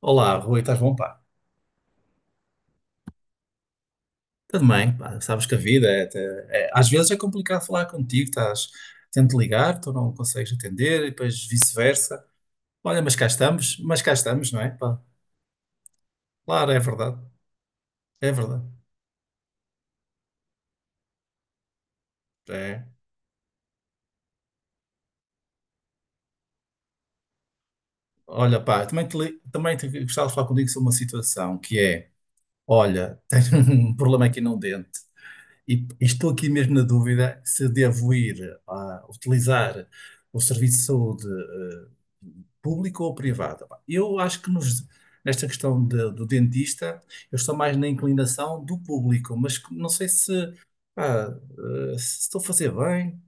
Olá, Rui, estás bom, pá? Tudo bem, pá. Sabes que a vida às vezes é complicado falar contigo, estás, tento ligar, tu não consegues atender e depois vice-versa. Olha, mas cá estamos, não é, pá? Claro, é verdade, é verdade. É. Olha, pá, também te gostava de falar contigo sobre uma situação que é, olha, tenho um problema aqui num dente. E estou aqui mesmo na dúvida se devo ir a utilizar o serviço de saúde público ou privado. Pá, eu acho que nesta questão do dentista, eu estou mais na inclinação do público, mas que não sei se, pá, se estou a fazer bem.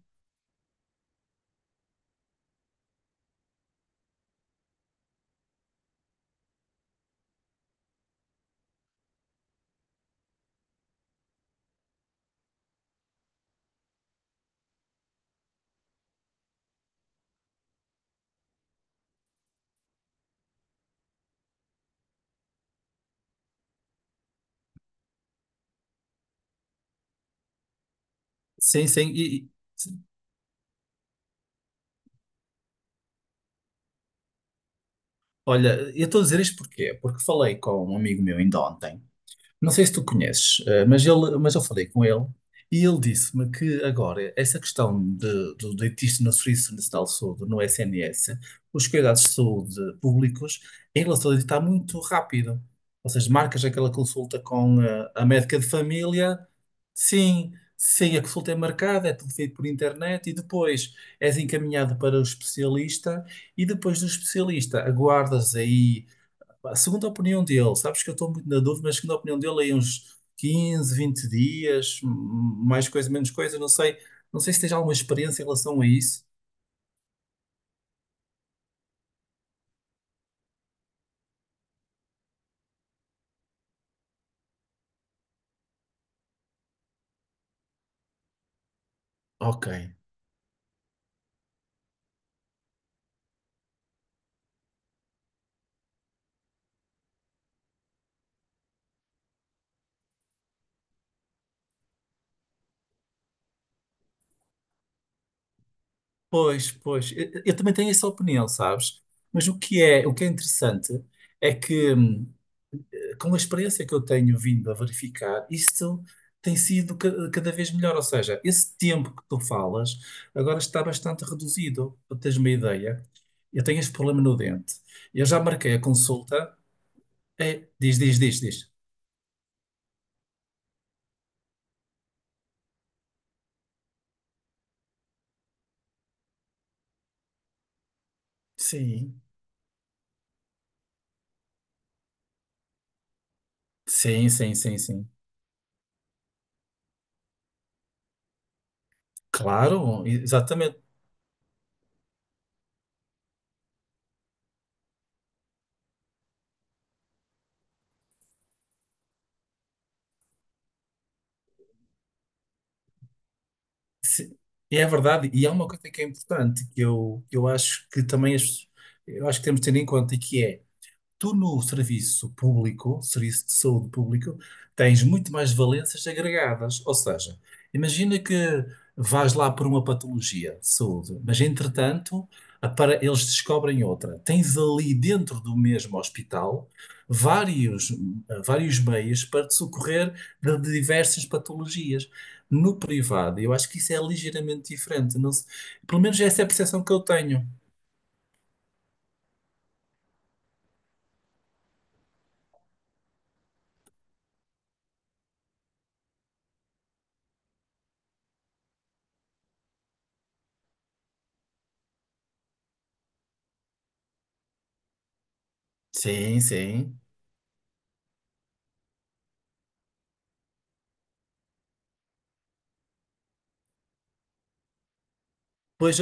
Sim, sim. Olha, eu estou a dizer isto porquê? Porque falei com um amigo meu ainda ontem. Não sei se tu conheces, mas, ele, mas eu falei com ele e ele disse-me que agora essa questão de, do dentista no Serviço Nacional de Saúde, no SNS, os cuidados de saúde públicos, em relação a isso está muito rápido. Ou seja, marcas aquela consulta com a médica de família, sim, sim, a consulta é marcada, é tudo feito por internet e depois és encaminhado para o especialista e depois do especialista aguardas aí. Pá, segundo a opinião dele, sabes que eu estou muito na dúvida, mas segundo a opinião dele, aí uns 15 20 dias, mais coisa, menos coisa, não sei, não sei se tens alguma experiência em relação a isso. Ok. Pois, pois, eu também tenho essa opinião, sabes? Mas o que é interessante é que com a experiência que eu tenho vindo a verificar, isto tem sido cada vez melhor. Ou seja, esse tempo que tu falas agora está bastante reduzido. Para teres uma ideia, eu tenho este problema no dente. Eu já marquei a consulta. É, diz, diz, diz, diz. Sim. Sim, sim, sim, sim. Claro, exatamente. Se- É verdade. E há uma coisa que é importante que eu acho que também eu acho que temos de ter em conta e que é: tu no serviço público, serviço de saúde público, tens muito mais valências agregadas. Ou seja, imagina que vais lá por uma patologia de saúde, mas entretanto eles descobrem outra. Tens ali dentro do mesmo hospital vários, vários meios para te socorrer de diversas patologias. No privado, eu acho que isso é ligeiramente diferente. Pelo menos essa é a percepção que eu tenho. Sim, sim. Pois.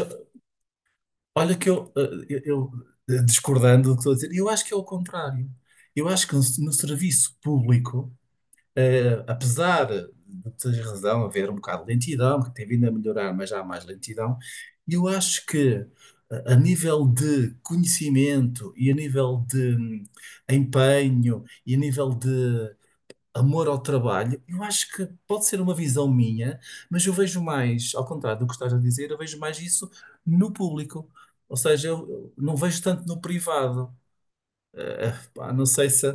Olha que eu, discordando do que estou a dizer, eu acho que é o contrário. Eu acho que no serviço público, apesar de teres razão, haver um bocado de lentidão, que tem vindo a melhorar, mas já há mais lentidão, eu acho que a nível de conhecimento e a nível de empenho e a nível de amor ao trabalho, eu acho que pode ser uma visão minha, mas eu vejo mais, ao contrário do que estás a dizer, eu vejo mais isso no público. Ou seja, eu não vejo tanto no privado. Pá, não sei se.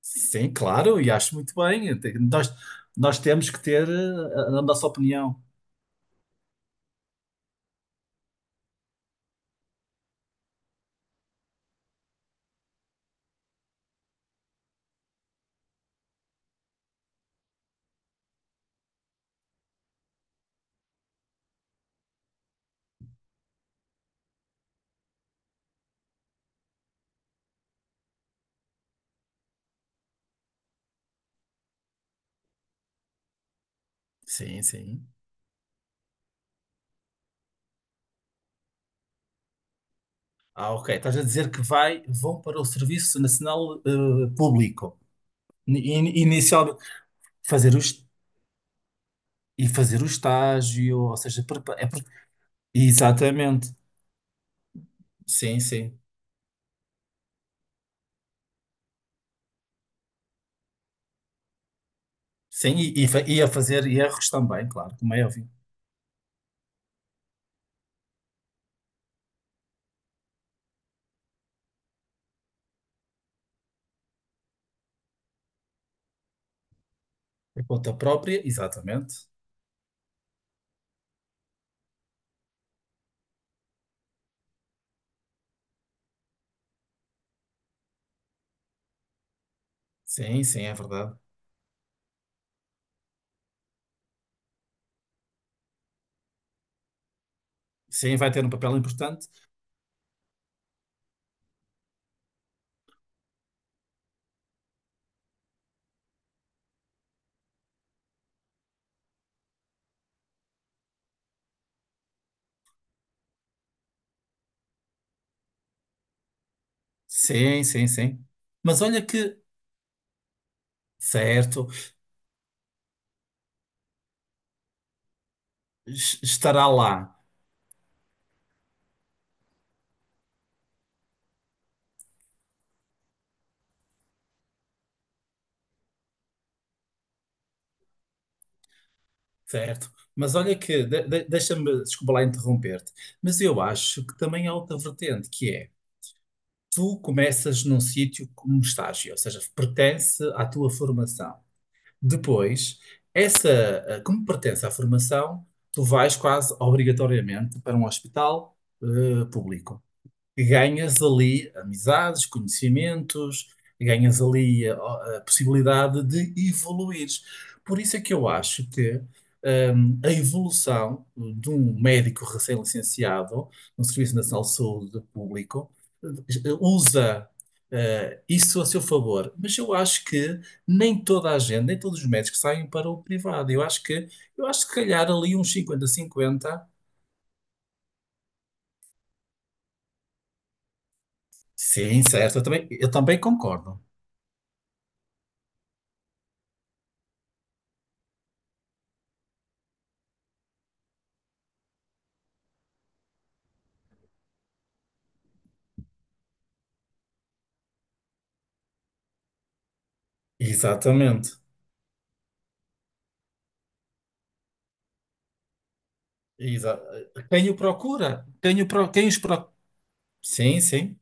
Sim, claro, e acho muito bem. Nós, nós temos que ter a nossa opinião. Sim, sim. Ah, ok. Estás a dizer que vai, vão para o Serviço Nacional Público. Inicialmente, fazer e fazer o estágio, ou seja, exatamente. Sim, sim. Sim, e a fazer erros também, claro, como é óbvio. Por conta própria, exatamente. Sim, sim, é verdade. Sim, vai ter um papel importante. Sim, sim, sim. Mas olha que, certo, estará lá. Certo, mas olha que, deixa-me, desculpa lá interromper-te, mas eu acho que também há outra vertente, que é, tu começas num sítio como estágio, ou seja, pertence à tua formação. Depois, essa, como pertence à formação, tu vais quase obrigatoriamente para um hospital, público, que ganhas ali amizades, conhecimentos, ganhas ali a possibilidade de evoluires. Por isso é que eu acho que a evolução de um médico recém-licenciado no Serviço Nacional de Saúde Público eh, usa isso a seu favor, mas eu acho que nem toda a gente, nem todos os médicos saem para o privado. Eu acho que se calhar ali uns 50 cinquenta. Sim, certo, eu também concordo. Exatamente. Exa- Quem o procura? Quem os procura? Sim, sim,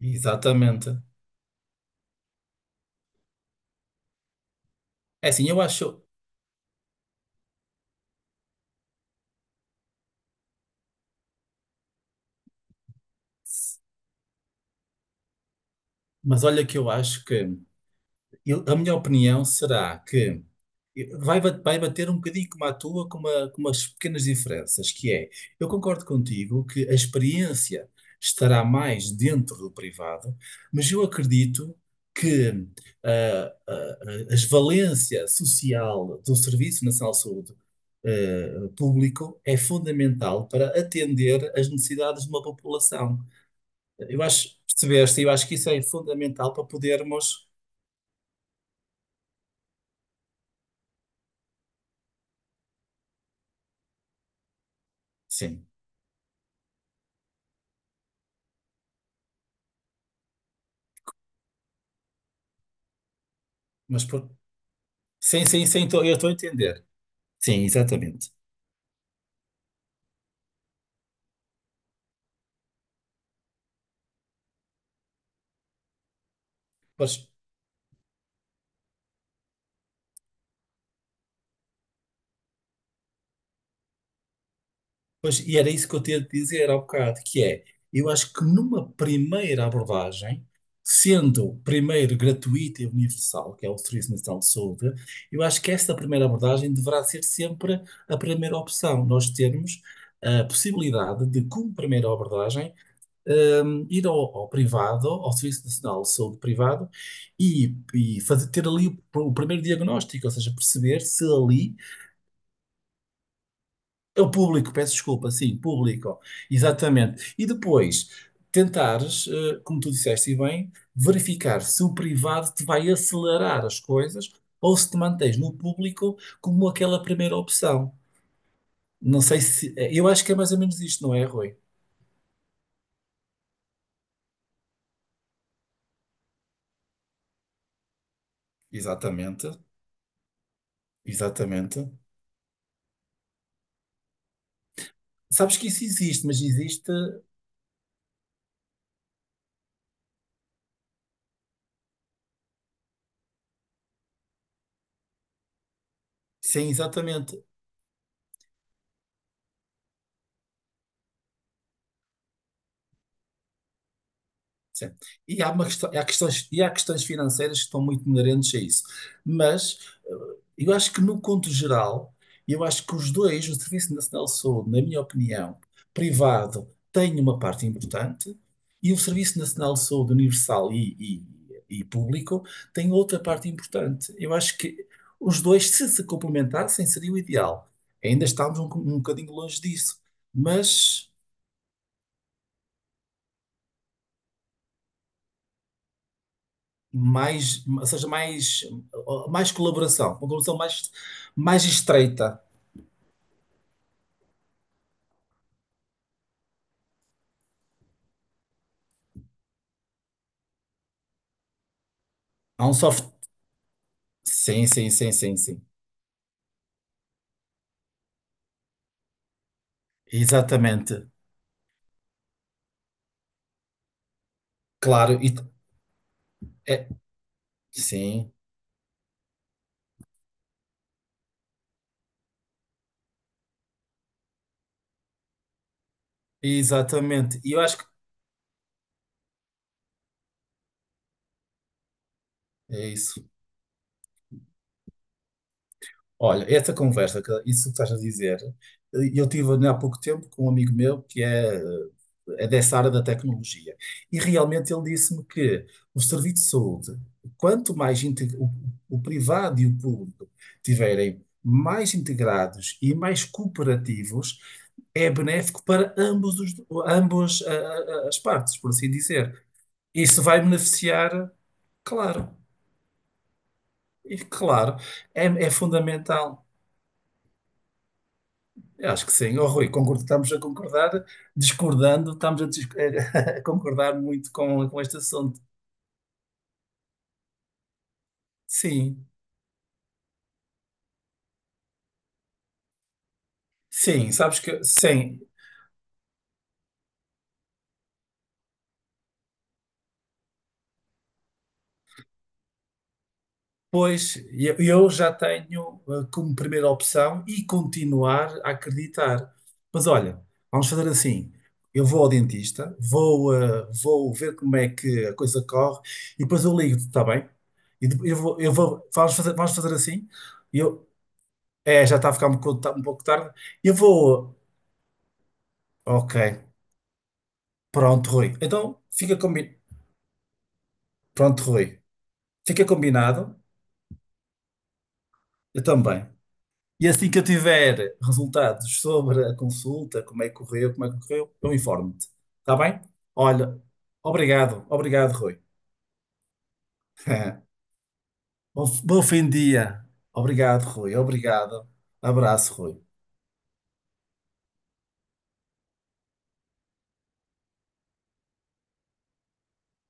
exatamente. É assim, eu acho. Mas olha que eu acho que. A minha opinião será que vai, vai bater um bocadinho como a tua, com, uma, com umas pequenas diferenças, que é, eu concordo contigo que a experiência estará mais dentro do privado, mas eu acredito que as valência social do Serviço Nacional de Saúde público é fundamental para atender às necessidades de uma população. Eu acho, percebeste, eu acho que isso é fundamental para podermos. Sim, mas por- sim, sim, sim, eu estou a entender. Sim, exatamente. Pois, pois, e era isso que eu tinha de dizer há bocado, que é, eu acho que numa primeira abordagem, sendo primeiro gratuita e universal, que é o Serviço Nacional de Saúde, eu acho que esta primeira abordagem deverá ser sempre a primeira opção. Nós termos a possibilidade de, como primeira abordagem, ir ao privado, ao Serviço Nacional de Saúde Privado, e ter ali o primeiro diagnóstico, ou seja, perceber se ali é o público, peço desculpa, sim, público, exatamente. E depois tentares, como tu disseste e bem, verificar se o privado te vai acelerar as coisas ou se te mantens no público como aquela primeira opção. Não sei se. Eu acho que é mais ou menos isto, não é, Rui? Exatamente, exatamente. Sabes que isso existe, mas existe. Sem exatamente. Sim. E há uma questão, há questões, e há questões financeiras que estão muito inerentes a isso. Mas eu acho que, no conto geral, eu acho que os dois, o Serviço Nacional de Saúde, na minha opinião, privado, tem uma parte importante e o Serviço Nacional de Saúde Universal e público tem outra parte importante. Eu acho que os dois, se se complementassem, seria o ideal. Ainda estamos um, um bocadinho longe disso. Mas. Mais, ou seja, mais, mais colaboração, uma colaboração mais, mais estreita. Há um soft. Sim, sim, sim, sim, sim. Exatamente. Claro, é, sim, exatamente. E eu acho que é isso. Olha, essa conversa, isso que estás a dizer, eu tive há pouco tempo com um amigo meu que é, é dessa área da tecnologia. E realmente ele disse-me que o serviço de saúde, quanto mais o privado e o público tiverem mais integrados e mais cooperativos, é benéfico para ambos os, ambos as partes, por assim dizer. Isso vai beneficiar, claro, e claro, é é fundamental. Eu acho que sim, oh, Rui, concordo, estamos a concordar, discordando, a concordar muito com este assunto. Sim, sim, sabes que sim, pois eu já tenho como primeira opção e continuar a acreditar. Mas olha, vamos fazer assim: eu vou ao dentista, vou, vou ver como é que a coisa corre e depois eu ligo-te, está bem? E eu vou, vamos fazer assim. Eu, é, já está a ficar um pouco tá um pouco tarde. Eu vou. Ok, pronto, Rui. Então fica combinado. Pronto, Rui. Fica combinado. Eu também. E assim que eu tiver resultados sobre a consulta, como é que correu, como é que correu, eu informo-te. Está bem? Olha, obrigado, obrigado, Rui. Bom, bom fim de dia. Obrigado, Rui. Obrigado. Abraço, Rui.